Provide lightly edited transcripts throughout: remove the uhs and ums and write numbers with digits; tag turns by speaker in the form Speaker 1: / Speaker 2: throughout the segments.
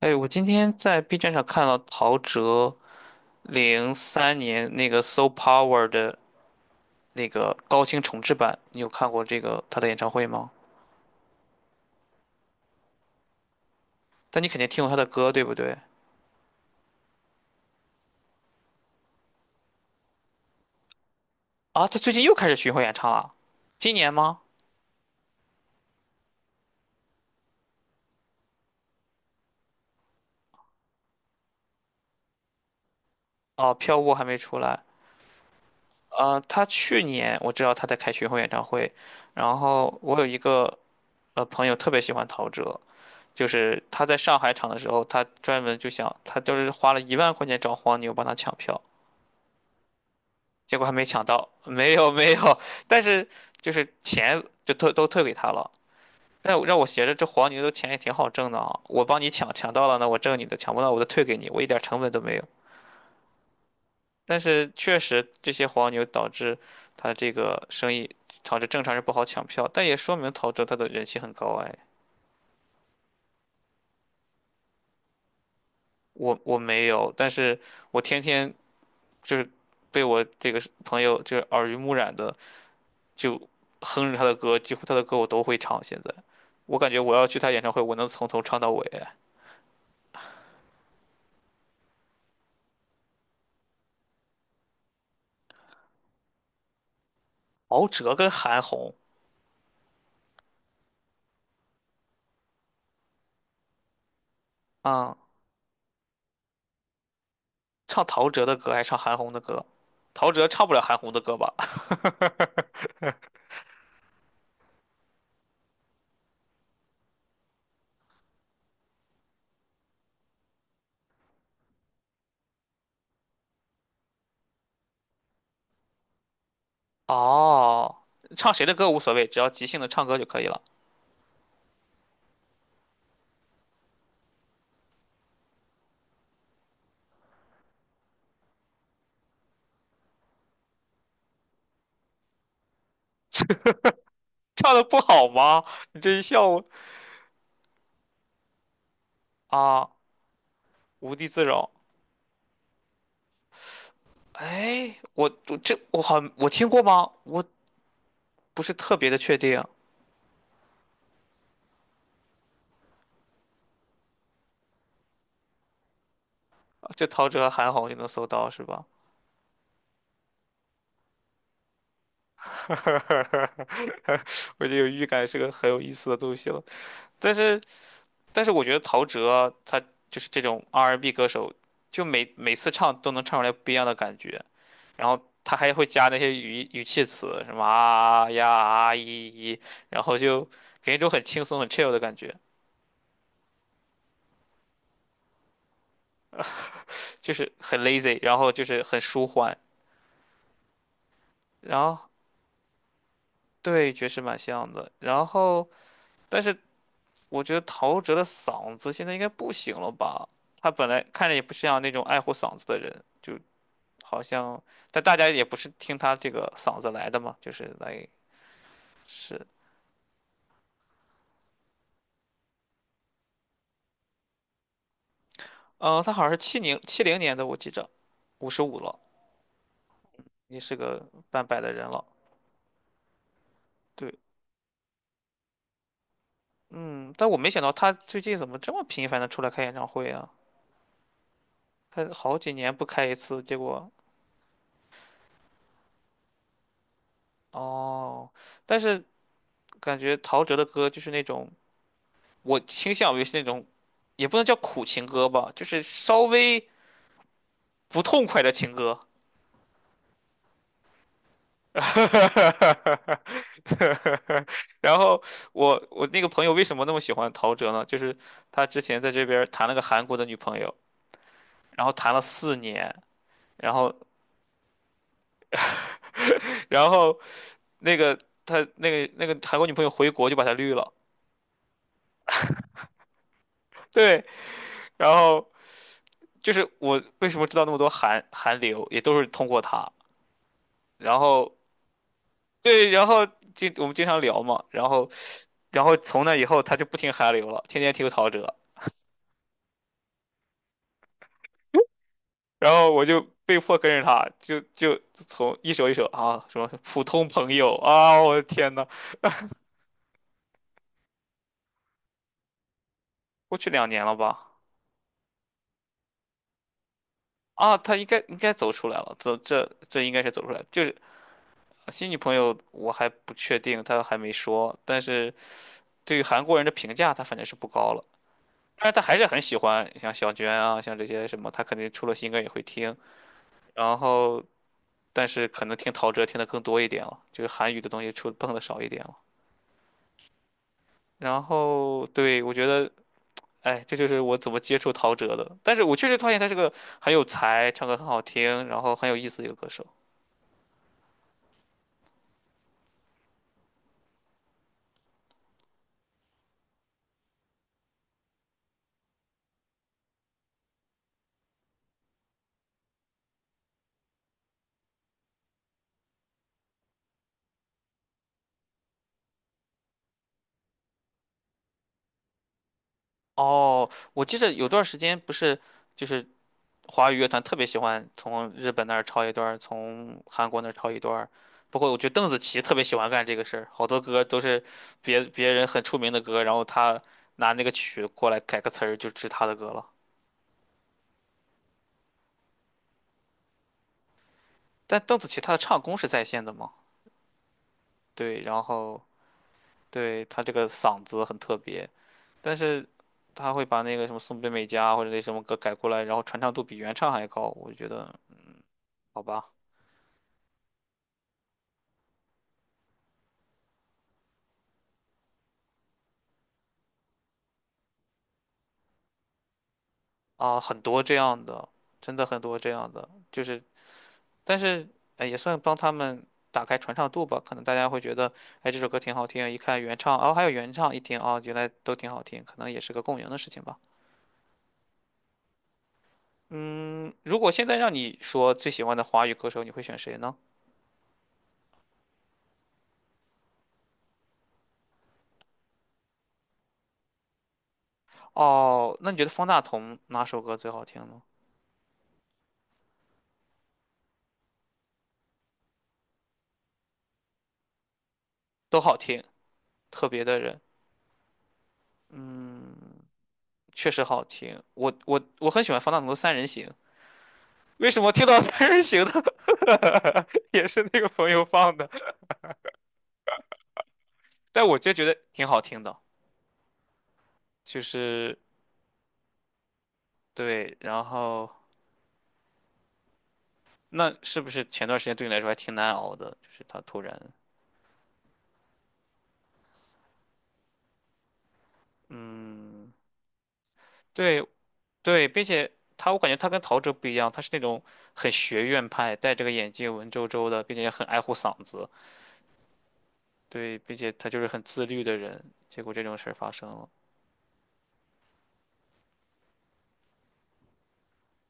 Speaker 1: 哎，我今天在 B 站上看到陶喆03年那个《So Power》的那个高清重制版，你有看过这个他的演唱会吗？但你肯定听过他的歌，对不对？啊，他最近又开始巡回演唱了，今年吗？哦，《票务还没出来。他去年我知道他在开巡回演唱会，然后我有一个朋友特别喜欢陶喆，就是他在上海场的时候，他专门就想，他就是花了1万块钱找黄牛帮他抢票。结果还没抢到，没有没有，但是就是钱就退都退给他了。但让我觉着这黄牛的钱也挺好挣的啊，我帮你抢，抢到了呢我挣你的，抢不到我就退给你，我一点成本都没有。但是确实这些黄牛导致他这个生意导致正常人不好抢票，但也说明陶喆他的人气很高哎。我没有，但是我天天就是被我这个朋友就是耳濡目染的就哼着他的歌，几乎他的歌我都会唱。现在，我感觉我要去他演唱会，我能从头唱到尾。陶喆跟韩红啊，唱陶喆的歌还是唱韩红的歌？陶喆唱不了韩红的歌吧？哦，唱谁的歌无所谓，只要即兴的唱歌就可以了。唱的不好吗？你这一笑我啊，无地自容。哎，我这我好像我听过吗？我不是特别的确定，就陶喆、韩红就能搜到是吧？我就有预感是个很有意思的东西了。但是，但是我觉得陶喆他就是这种 R&B 歌手，就每次唱都能唱出来不一样的感觉，然后他还会加那些语气词，什么啊呀啊一一，然后就给人一种很轻松、很 chill 的感觉，就是很 lazy，然后就是很舒缓，然后对爵士蛮像的，然后但是我觉得陶喆的嗓子现在应该不行了吧。他本来看着也不像那种爱护嗓子的人，就好像，但大家也不是听他这个嗓子来的嘛，就是来是，他好像是七零年的，我记着，55了，也是个半百的人了。对，嗯，但我没想到他最近怎么这么频繁的出来开演唱会啊？他好几年不开一次，结果哦，但是感觉陶喆的歌就是那种，我倾向于是那种，也不能叫苦情歌吧，就是稍微不痛快的情歌。然后我那个朋友为什么那么喜欢陶喆呢？就是他之前在这边儿谈了个韩国的女朋友，然后谈了4年，然后然后那个他那个韩国女朋友回国就把他绿了，对，然后就是我为什么知道那么多韩流，也都是通过他，然后对，然后我们经常聊嘛，然后从那以后他就不听韩流了，天天听陶喆，然后我就被迫跟着他，就从一首一首啊，什么普通朋友啊，我的天呐，过去2年了吧？啊，他应该走出来了，这应该是走出来了就是新女朋友我还不确定，他还没说，但是对于韩国人的评价，他反正是不高了。但是他还是很喜欢像小娟啊，像这些什么，他肯定出了新歌也会听，然后但是可能听陶喆听的更多一点了，就是韩语的东西碰的少一点了。然后对，我觉得。哎，这就是我怎么接触陶喆的。但是我确实发现他是个很有才，唱歌很好听，然后很有意思的一个歌手。哦，我记得有段时间不是，就是华语乐坛特别喜欢从日本那儿抄一段儿，从韩国那儿抄一段儿。我觉得邓紫棋特别喜欢干这个事儿，好多歌都是别人很出名的歌，然后她拿那个曲过来改个词儿，就是她的歌了。但邓紫棋她的唱功是在线的嘛？对，然后对她这个嗓子很特别。但是他会把那个什么松本美嘉或者那什么歌改过来，然后传唱度比原唱还高，我就觉得好吧，啊，很多这样的，真的很多这样的，就是但是哎也算帮他们打开传唱度吧，可能大家会觉得哎这首歌挺好听，一看原唱，哦还有原唱，一听哦原来都挺好听，可能也是个共赢的事情吧。嗯，如果现在让你说最喜欢的华语歌手，你会选谁呢？哦，那你觉得方大同哪首歌最好听呢？都好听，特别的人。嗯。确实好听。我很喜欢方大同的《三人行》，为什么听到《三人行》的 也是那个朋友放的？但我就觉得挺好听的，就是对。然后那是不是前段时间对你来说还挺难熬的？就是他突然，嗯，对对，并且他我感觉他跟陶喆不一样，他是那种很学院派，戴着个眼镜文绉绉的，并且也很爱护嗓子，对，并且他就是很自律的人。结果这种事儿发生了，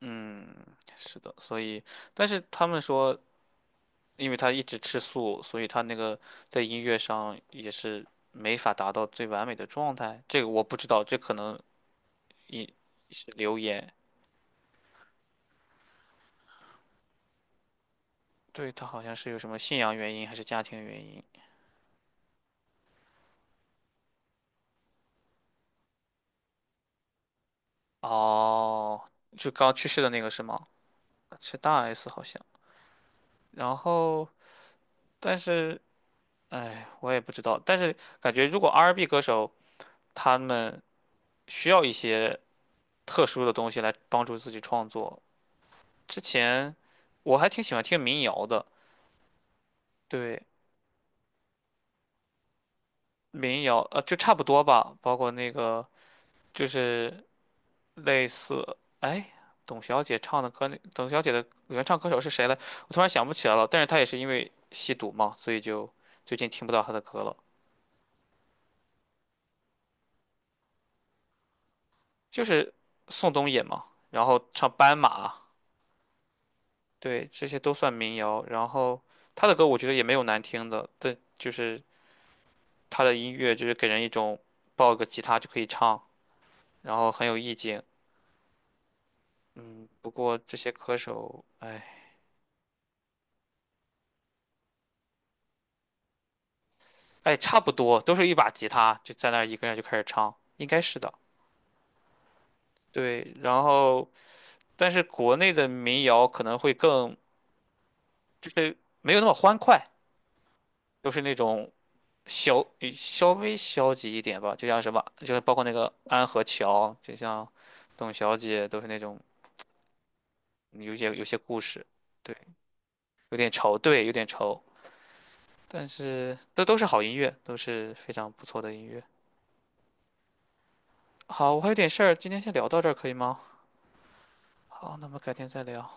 Speaker 1: 嗯，是的，所以。但是他们说因为他一直吃素，所以他那个在音乐上也是没法达到最完美的状态。这个我不知道，这可能一是流言。对，他好像是有什么信仰原因还是家庭原因。哦，就刚去世的那个是吗？是大 S 好像。然后，但是，哎，我也不知道。但是感觉如果 R&B 歌手他们需要一些特殊的东西来帮助自己创作，之前我还挺喜欢听民谣的。对，民谣，就差不多吧，包括那个就是类似，哎，董小姐唱的歌，那董小姐的原唱歌手是谁来？我突然想不起来了，但是她也是因为吸毒嘛，所以就最近听不到她的歌了。就是宋冬野嘛，然后唱《斑马》，对，这些都算民谣。然后她的歌我觉得也没有难听的，但就是她的音乐就是给人一种抱个吉他就可以唱，然后很有意境。嗯，不过这些歌手，哎。哎，差不多都是一把吉他，就在那儿一个人就开始唱，应该是的。对，然后但是国内的民谣可能会更就是没有那么欢快，都是那种稍微消极一点吧，就像什么，就是包括那个安河桥，就像董小姐，都是那种有些故事，对，有点愁，对，有点愁，但是都是好音乐，都是非常不错的音乐。好，我还有点事儿，今天先聊到这儿可以吗？好，那么改天再聊。